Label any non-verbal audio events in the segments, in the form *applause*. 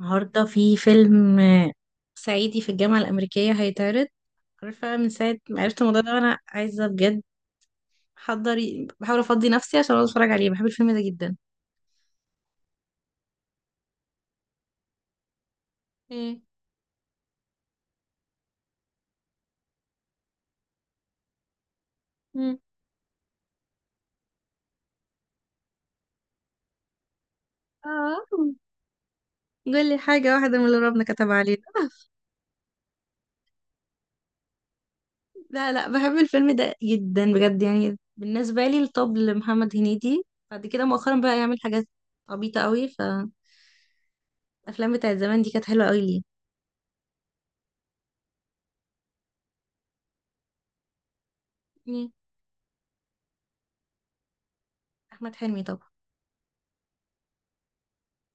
النهاردة في فيلم صعيدي في الجامعة الأمريكية هيتعرض. عارفة، من ساعة ما عرفت الموضوع ده وأنا عايزة بجد أحضر. بحاول أفضي نفسي عشان أقعد أتفرج عليه. بحب الفيلم ده جدا. ايه. مم. اه. قولي حاجة واحدة من اللي ربنا كتب علينا *laughs* لا، لا، بحب الفيلم ده جدا بجد. يعني بالنسبة لي الطب لمحمد هنيدي. بعد كده مؤخرا بقى يعمل حاجات عبيطة قوي. فالأفلام بتاعت زمان دي كانت حلوة قوي ليه. مين؟ أحمد حلمي طبعا.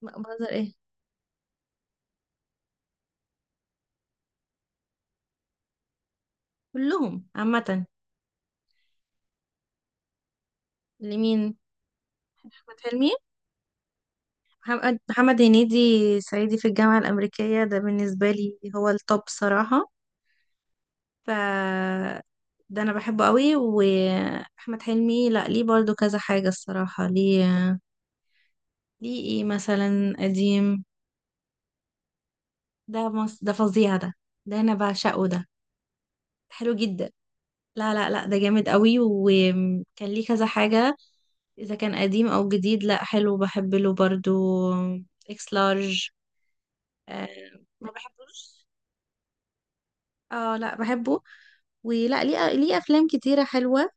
لا، بهزر ايه. كلهم عامة. لمين؟ أحمد حلمي. محمد هنيدي. صعيدي في الجامعة الأمريكية ده بالنسبة لي هو التوب صراحة. ف ده أنا بحبه قوي. وأحمد حلمي لأ ليه برضو كذا حاجة الصراحة. ليه؟ ليه إيه مثلا قديم؟ ده فظيع ده. ده أنا بعشقه ده. حلو جدا. لا، لا، لا، ده جامد قوي وكان ليه كذا حاجة. إذا كان قديم أو جديد لأ حلو، بحب له برضو. إكس لارج. أه. ما بحبوش. اه، لا بحبه. ولا، ليه افلام كتيره حلوه.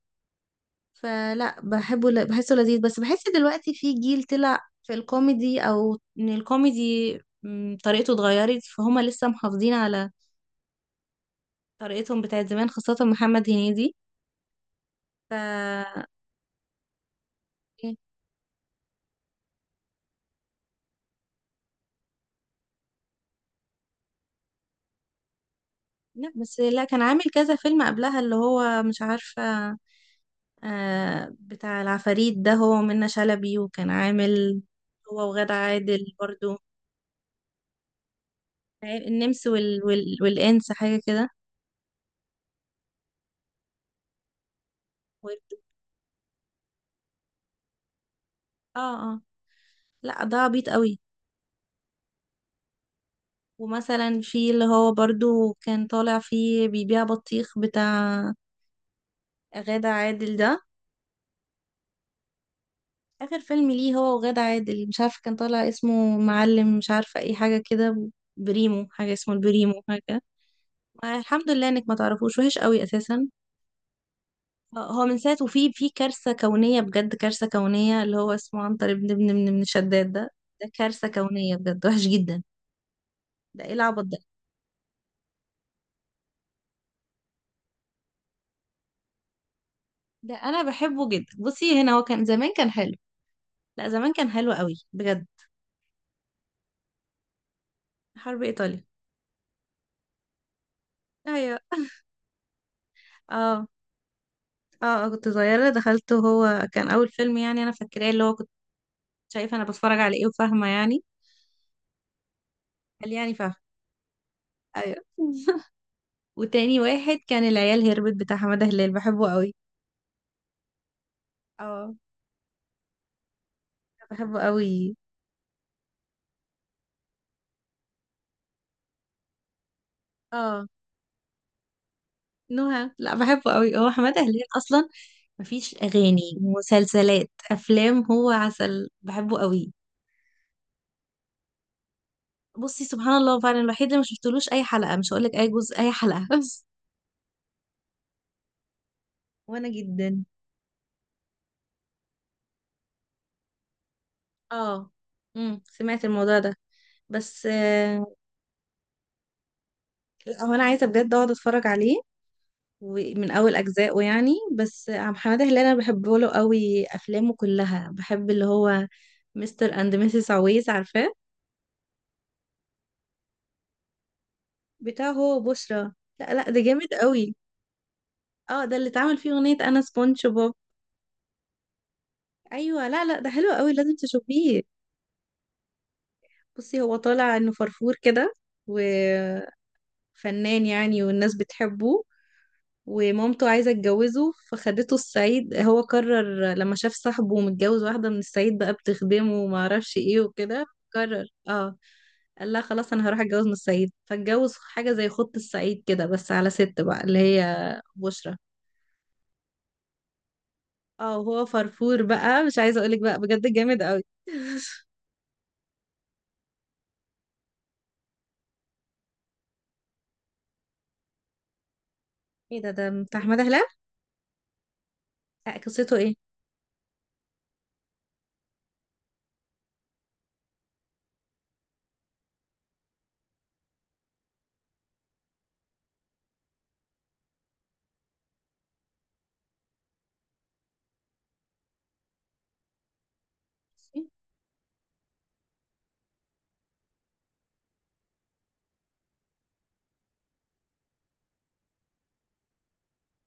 فلا بحبه، بحسه لذيذ. بس بحس دلوقتي في جيل طلع في الكوميدي او ان الكوميدي طريقته اتغيرت. فهما لسه محافظين على طريقتهم بتاعت زمان، خاصه محمد هنيدي. ف إيه، لا بس لا، كان عامل كذا فيلم قبلها اللي هو مش عارفه. آه، بتاع العفاريت ده هو ومنة شلبي، وكان عامل هو وغادة عادل برضو. النمس والانس حاجه كده. اه. اه، لا ده عبيط قوي. ومثلا في اللي هو برضو كان طالع فيه بيبيع بطيخ بتاع غادة عادل ده. آخر فيلم ليه هو وغادة عادل مش عارفة، كان طالع اسمه معلم مش عارفة اي حاجة كده. بريمو حاجة، اسمه البريمو حاجة. الحمد لله انك ما تعرفوش، وحش قوي اساسا. هو من ساعة، وفي كارثة كونية بجد. كارثة كونية اللي هو اسمه عنتر ابن ابن ابن ابن شداد ده. ده كارثة كونية بجد، وحش جدا. ده ايه العبط ده؟ ده انا بحبه جدا. بصي هنا هو كان زمان كان حلو. لا، زمان كان حلو قوي بجد. حرب ايطاليا. ايوه. اه، اه. كنت صغيرة دخلته. هو كان اول فيلم، يعني انا فاكراه اللي هو كنت شايفة انا بتفرج على ايه وفاهمة يعني. قال يعني فاهمة. ايوه. *laughs* وتاني واحد كان العيال هربت بتاع حمادة هلال، بحبه قوي. اه. بحبه قوي. اه. نهى، لا بحبه قوي هو حمادة هلال اصلا. مفيش اغاني، مسلسلات، افلام، هو عسل بحبه قوي. بصي، سبحان الله فعلا الوحيد اللي ما شفتلوش اي حلقة، مش هقولك اي جزء، اي حلقة *laughs* وانا جدا. اه. سمعت الموضوع ده بس. لا، هو انا عايزه بجد اقعد اتفرج عليه. ومن اول اجزائه يعني. بس عم حماده هلال انا بحبه له قوي، افلامه كلها بحب، اللي هو مستر اند ميسيس عويس، عارفاه؟ بتاعه هو بشرى. لا، لا، ده جامد قوي. اه، ده اللي اتعمل فيه اغنيه انا سبونج بوب. ايوه، لا، لا، ده حلو قوي لازم تشوفيه. بصي هو طالع انه فرفور كده وفنان، يعني والناس بتحبه. ومامته عايزة تجوزه، فخدته الصعيد. هو قرر لما شاف صاحبه متجوز واحدة من الصعيد بقى بتخدمه وما اعرفش ايه وكده، قرر اه، قال لها خلاص انا هروح اتجوز من الصعيد. فاتجوز حاجة زي خط الصعيد كده، بس على ست بقى اللي هي بشرى. اه، وهو فرفور بقى، مش عايزة اقولك بقى بجد جامد قوي. ايه ده بتاع احمد هلال. قصته ايه؟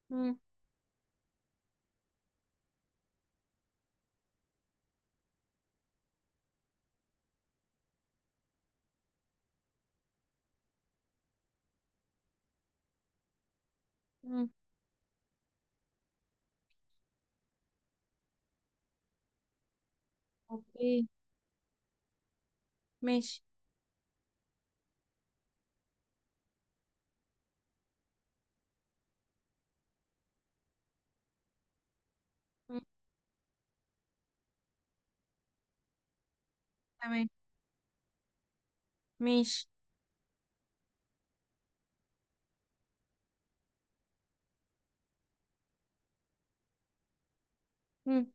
مم. مم. اوكي. ماشي. مم. تمام. ماشي. مم.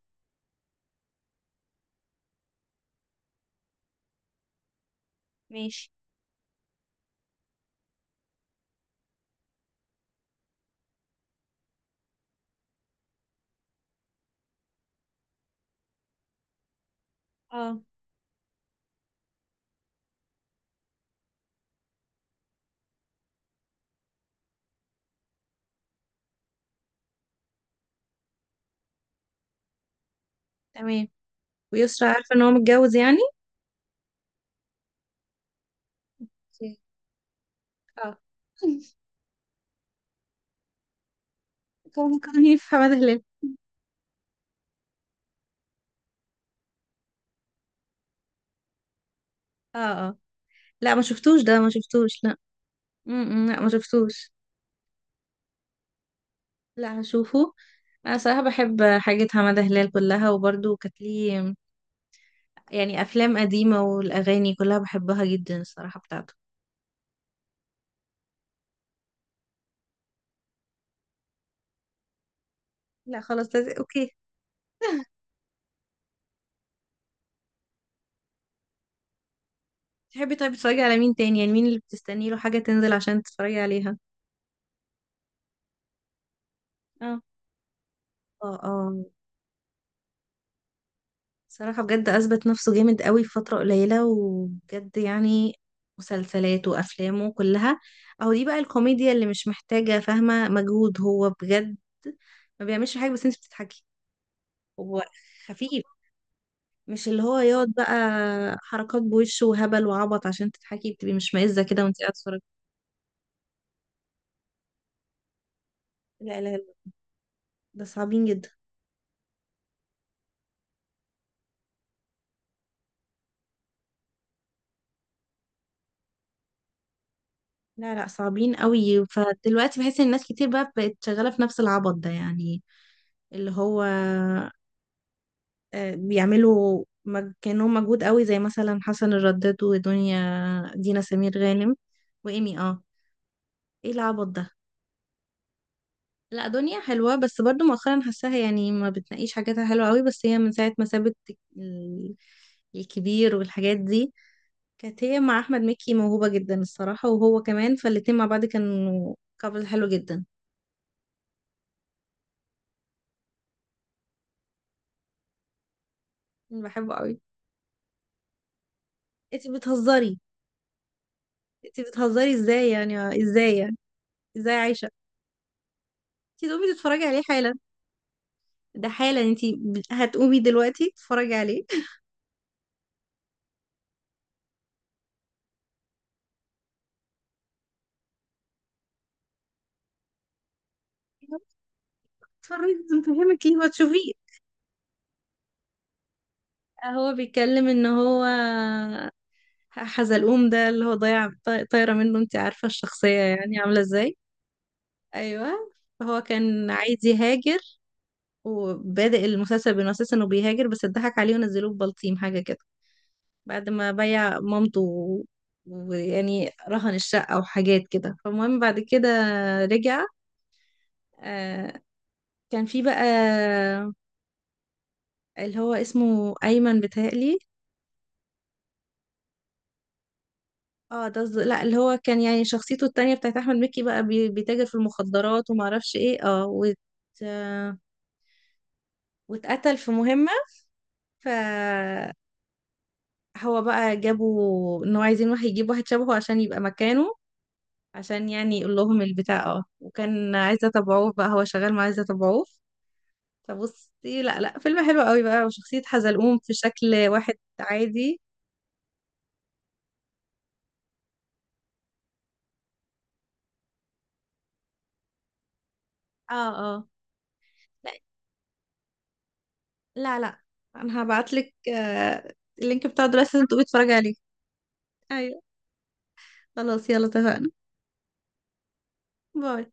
ماشي. اه. تمام. ويسرا عارفة ان هو متجوز يعني. اوكي. اه. *laughs* كان هي في حمادة هلال. اه، اه. لا ما شفتوش، ده ما شفتوش، لا. م-م. لا ما شفتوش. لا، هشوفه. انا صراحة بحب حاجة حمادة هلال كلها، وبرضه كانت ليه يعني افلام قديمة، والاغاني كلها بحبها جدا الصراحة بتاعته. لا خلاص، لازم. اوكي. تحبي طيب تتفرجي على مين تاني؟ يعني مين اللي بتستني له حاجة تنزل عشان تتفرجي عليها؟ اه، اه، اه. صراحة بجد أثبت نفسه جامد قوي في فترة قليلة، وبجد يعني مسلسلاته وأفلامه كلها، أهو دي بقى الكوميديا اللي مش محتاجة، فاهمة، مجهود. هو بجد ما بيعملش حاجة بس انت بتضحكي. هو خفيف، مش اللي هو يقعد بقى حركات بوشه وهبل وعبط عشان تضحكي. بتبقي مش معزة كده وانت قاعدة تتفرجي. لا، لا، لا، ده صعبين جدا. لا، لا، صعبين قوي. فدلوقتي بحس ان الناس كتير بقى بقت شغالة في نفس العبط ده يعني، اللي هو بيعملوا كانوا مجهود قوي، زي مثلا حسن الرداد، ودنيا، دينا سمير غانم، وإيمي. اه. ايه العبط ده؟ لا، دنيا حلوة، بس برضو مؤخرا حاساها يعني ما بتناقيش حاجاتها حلوة قوي، بس هي من ساعة ما سابت ال- الكبير والحاجات دي، كانت هي مع أحمد مكي موهوبة جدا الصراحة، وهو كمان، فالاتنين مع بعض كانوا كابل حلو جدا. أنا بحبه قوي. انتي بتهزري؟ انتي بتهزري ازاي يعني؟ ازاي يعني؟ ازاي عايشة؟ انتي تقومي تتفرجي عليه حالا. ده حالا، انتي هتقومي دلوقتي تتفرجي عليه. *laughs* اتفرجي، لازم تفهمك ليه وتشوفيه. هو بيتكلم ان هو حزلقوم ده اللي هو ضايع، طايرة منه. انتي عارفة الشخصية يعني عاملة ازاي. ايوه. فهو كان عايز يهاجر، وبادئ المسلسل بانه اساسا انه بيهاجر، بس اتضحك عليه ونزلوه ببلطيم حاجة كده، بعد ما بيع مامته ويعني رهن الشقة وحاجات كده. فالمهم بعد كده رجع. آه، كان في بقى اللي هو اسمه أيمن بيتهيألي. اه، لا، اللي هو كان يعني شخصيته التانية بتاعت أحمد مكي بقى، بيتاجر في المخدرات ومعرفش ايه اه آه، واتقتل في مهمة. فهو بقى جابوا ان هو عايزين واحد يجيب واحد شبهه عشان يبقى مكانه، عشان يعني يقول لهم البتاع اه، وكان عايزة تبعوه بقى هو شغال مع عايزة تبعوه. فبصي، لا، لا، فيلم حلو قوي بقى، وشخصية حزلقوم في شكل واحد. عادي. اه، اه. لا، لا، انا هبعتلك. اللينك بتاع دلوقتي. لازم تقومي تتفرجي عليه. ايوه، خلاص يلا اتفقنا. باي.